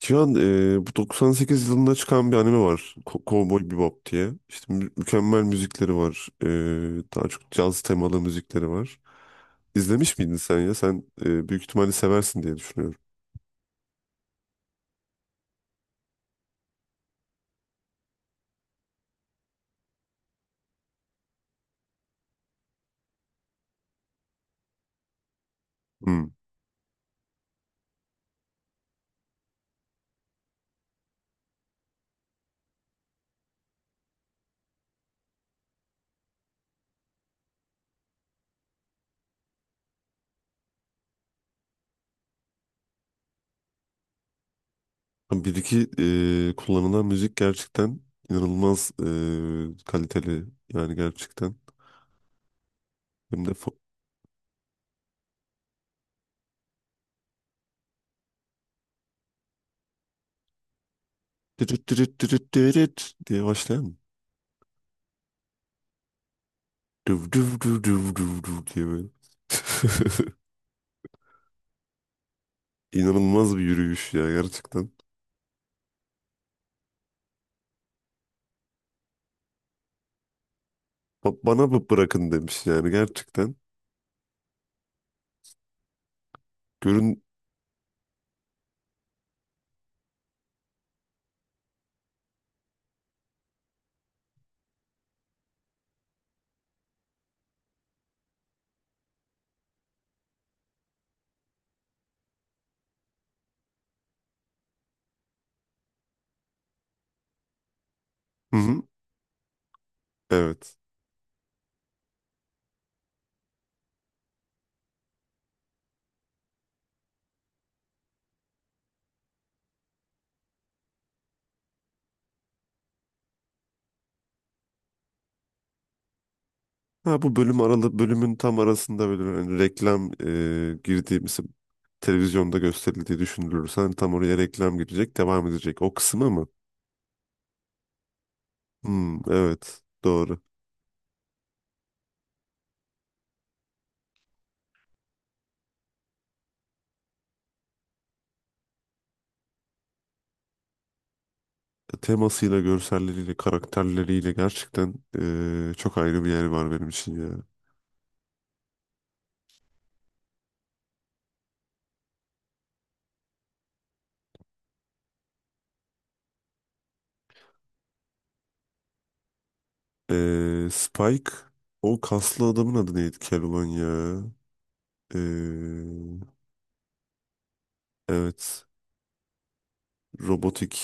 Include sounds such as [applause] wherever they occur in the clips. Cihan bu 98 yılında çıkan bir anime var. Cowboy Bebop diye. İşte mükemmel müzikleri var. Daha çok caz temalı müzikleri var. İzlemiş miydin sen ya? Sen büyük ihtimalle seversin diye düşünüyorum. Hmm. Bir iki kullanılan müzik gerçekten inanılmaz kaliteli. Yani gerçekten. Hem de dırıt dırıt dırıt dırıt diye başlayan. Düv düv düv düv düv düv diye böyle. [laughs] İnanılmaz bir yürüyüş ya gerçekten. Bana mı bırakın demiş yani gerçekten. Görün Hı hı, evet. Ha, bu bölüm aralı bölümün tam arasında böyle hani reklam girdiğimiz televizyonda gösterildiği düşünülürse hani tam oraya reklam girecek devam edecek. O kısmı mı? Hmm, evet doğru. Temasıyla, görselleriyle, karakterleriyle gerçekten çok ayrı bir yer var benim için ya. Spike, o kaslı adamın adı neydi Keloğlan ya? E, evet, robotik.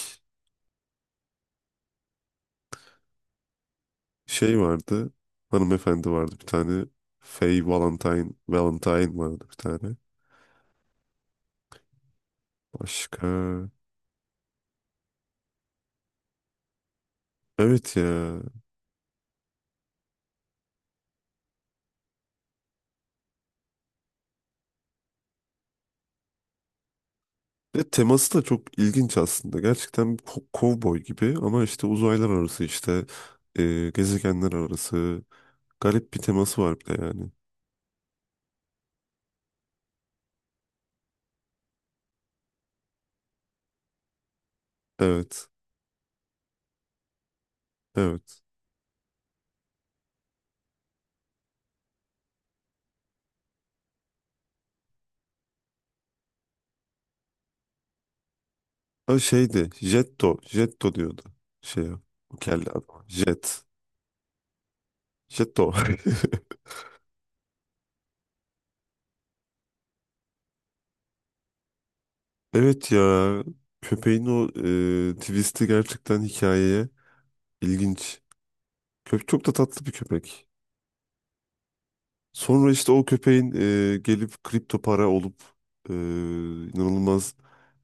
Şey vardı. Hanımefendi vardı bir tane. Faye Valentine. Valentine vardı bir tane. Başka. Evet ya. Ve teması da çok ilginç aslında. Gerçekten bir kovboy gibi ama işte uzaylar arası işte gezegenler arası garip bir teması var bir de yani. Evet. Evet. O şeydi. Jetto. Jetto diyordu. Şey ya. O kelle adam. Jet. Jetto. [laughs] Evet ya. Köpeğin o twist'i gerçekten hikayeye. İlginç. Köpek çok da tatlı bir köpek. Sonra işte o köpeğin gelip kripto para olup e, inanılmaz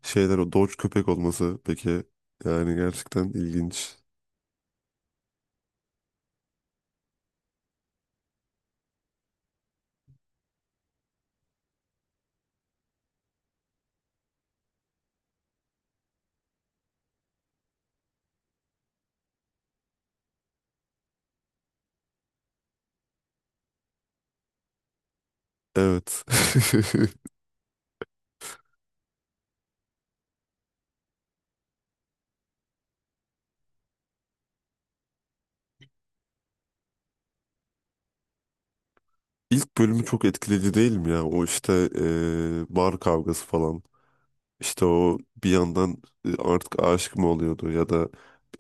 şeyler o Doge köpek olması peki yani gerçekten ilginç. Evet. [laughs] İlk bölümü çok etkileyici değil mi ya? O işte bar kavgası falan. İşte o bir yandan artık aşık mı oluyordu ya da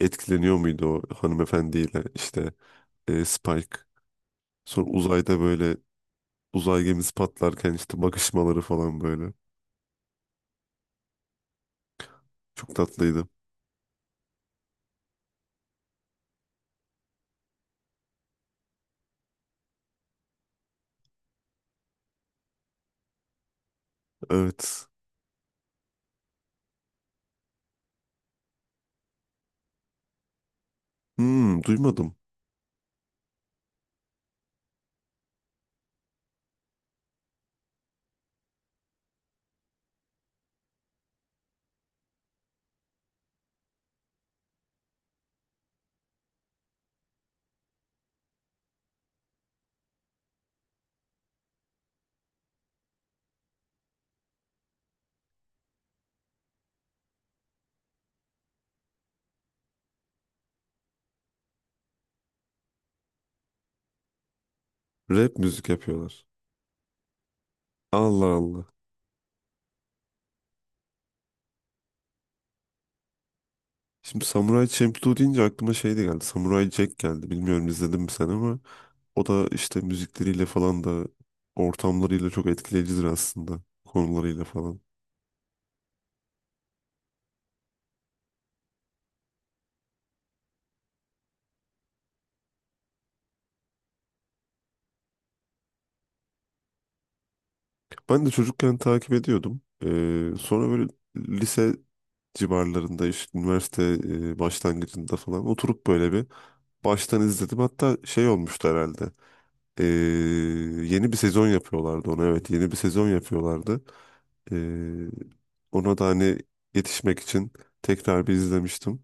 etkileniyor muydu o hanımefendiyle işte Spike. Sonra uzayda böyle. Uzay gemisi patlarken işte bakışmaları falan böyle. Çok tatlıydı. Evet. Hmm, duymadım. Rap müzik yapıyorlar. Allah Allah. Şimdi Samurai Champloo deyince aklıma şey de geldi. Samurai Jack geldi. Bilmiyorum izledin mi sen ama o da işte müzikleriyle falan da ortamlarıyla çok etkileyicidir aslında. Konularıyla falan. Ben de çocukken takip ediyordum. Sonra böyle lise civarlarında işte üniversite başlangıcında falan oturup böyle bir baştan izledim. Hatta şey olmuştu herhalde. Ee, Yeni bir sezon yapıyorlardı ona. Evet, yeni bir sezon yapıyorlardı. Ee, Ona da hani yetişmek için tekrar bir izlemiştim.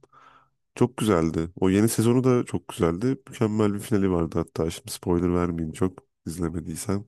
Çok güzeldi. O yeni sezonu da çok güzeldi. Mükemmel bir finali vardı hatta. Şimdi spoiler vermeyeyim çok izlemediysen.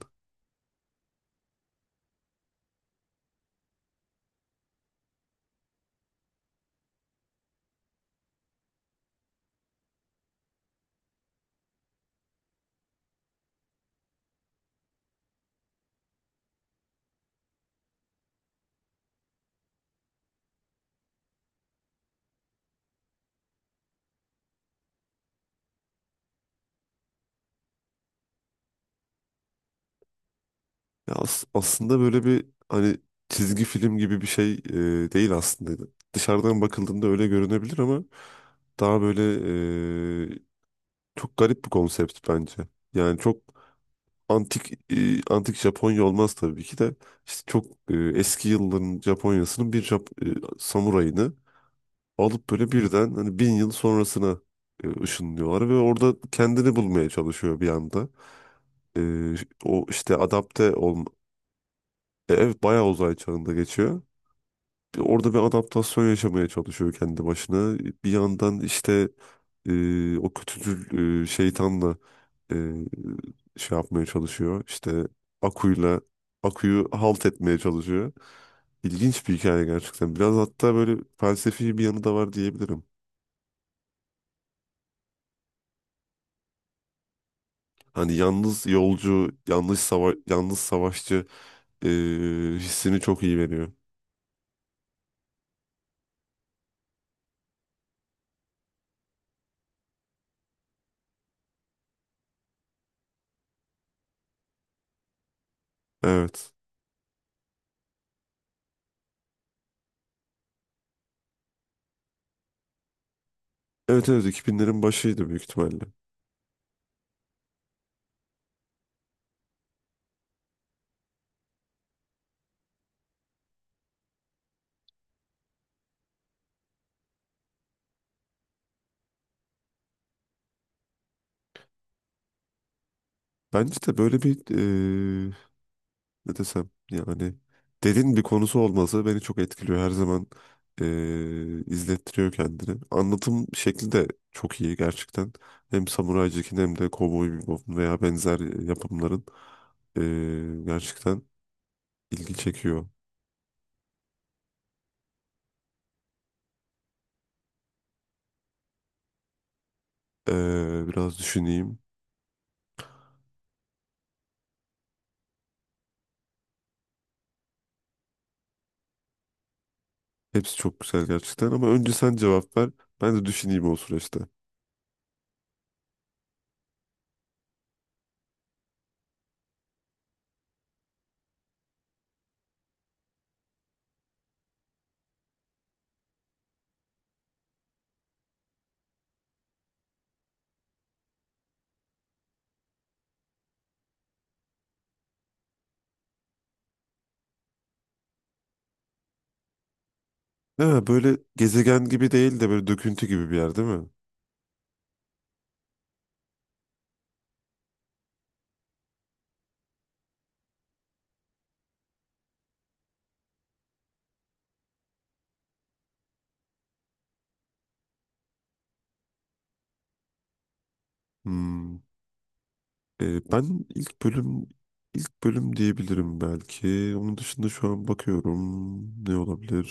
Ya aslında böyle bir hani çizgi film gibi bir şey değil aslında. Dışarıdan bakıldığında öyle görünebilir ama daha böyle e, çok garip bir konsept bence. Yani çok antik Japonya olmaz tabii ki de işte çok eski yılların Japonya'sının bir samurayını alıp böyle birden hani 1000 yıl sonrasına ışınlıyorlar ve orada kendini bulmaya çalışıyor bir anda. E, O işte adapte olma. Evet, bayağı uzay çağında geçiyor. Orada bir adaptasyon yaşamaya çalışıyor kendi başına. Bir yandan işte o kötücül şeytanla e, şey yapmaya çalışıyor. İşte Aku'yla Aku'yu halt etmeye çalışıyor. İlginç bir hikaye gerçekten. Biraz hatta böyle felsefi bir yanı da var diyebilirim. Hani yalnız yolcu, yalnız savaşçı e, hissini çok iyi veriyor. Evet. Evet, evet, 2000'lerin başıydı büyük ihtimalle. Bence de böyle bir e, ne desem yani derin bir konusu olması beni çok etkiliyor. Her zaman izlettiriyor kendini. Anlatım şekli de çok iyi gerçekten. Hem Samurai Jack'in hem de Cowboy Bebop'un veya benzer yapımların gerçekten ilgi çekiyor. Biraz düşüneyim. Hepsi çok güzel gerçekten ama önce sen cevap ver. Ben de düşüneyim o süreçte. Ha, böyle gezegen gibi değil de böyle döküntü gibi bir yer değil mi? Hmm. Ben ilk bölüm diyebilirim belki. Onun dışında şu an bakıyorum ne olabilir?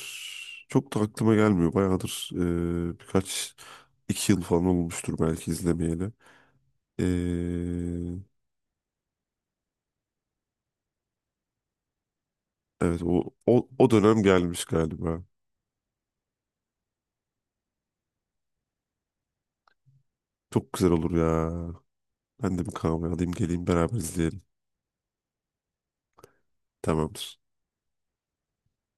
Çok da aklıma gelmiyor. Bayağıdır birkaç 2 yıl falan olmuştur belki izlemeyeli. Ee, evet, o dönem gelmiş galiba. Çok güzel olur ya. Ben de bir kahve alayım geleyim beraber izleyelim. Tamamdır.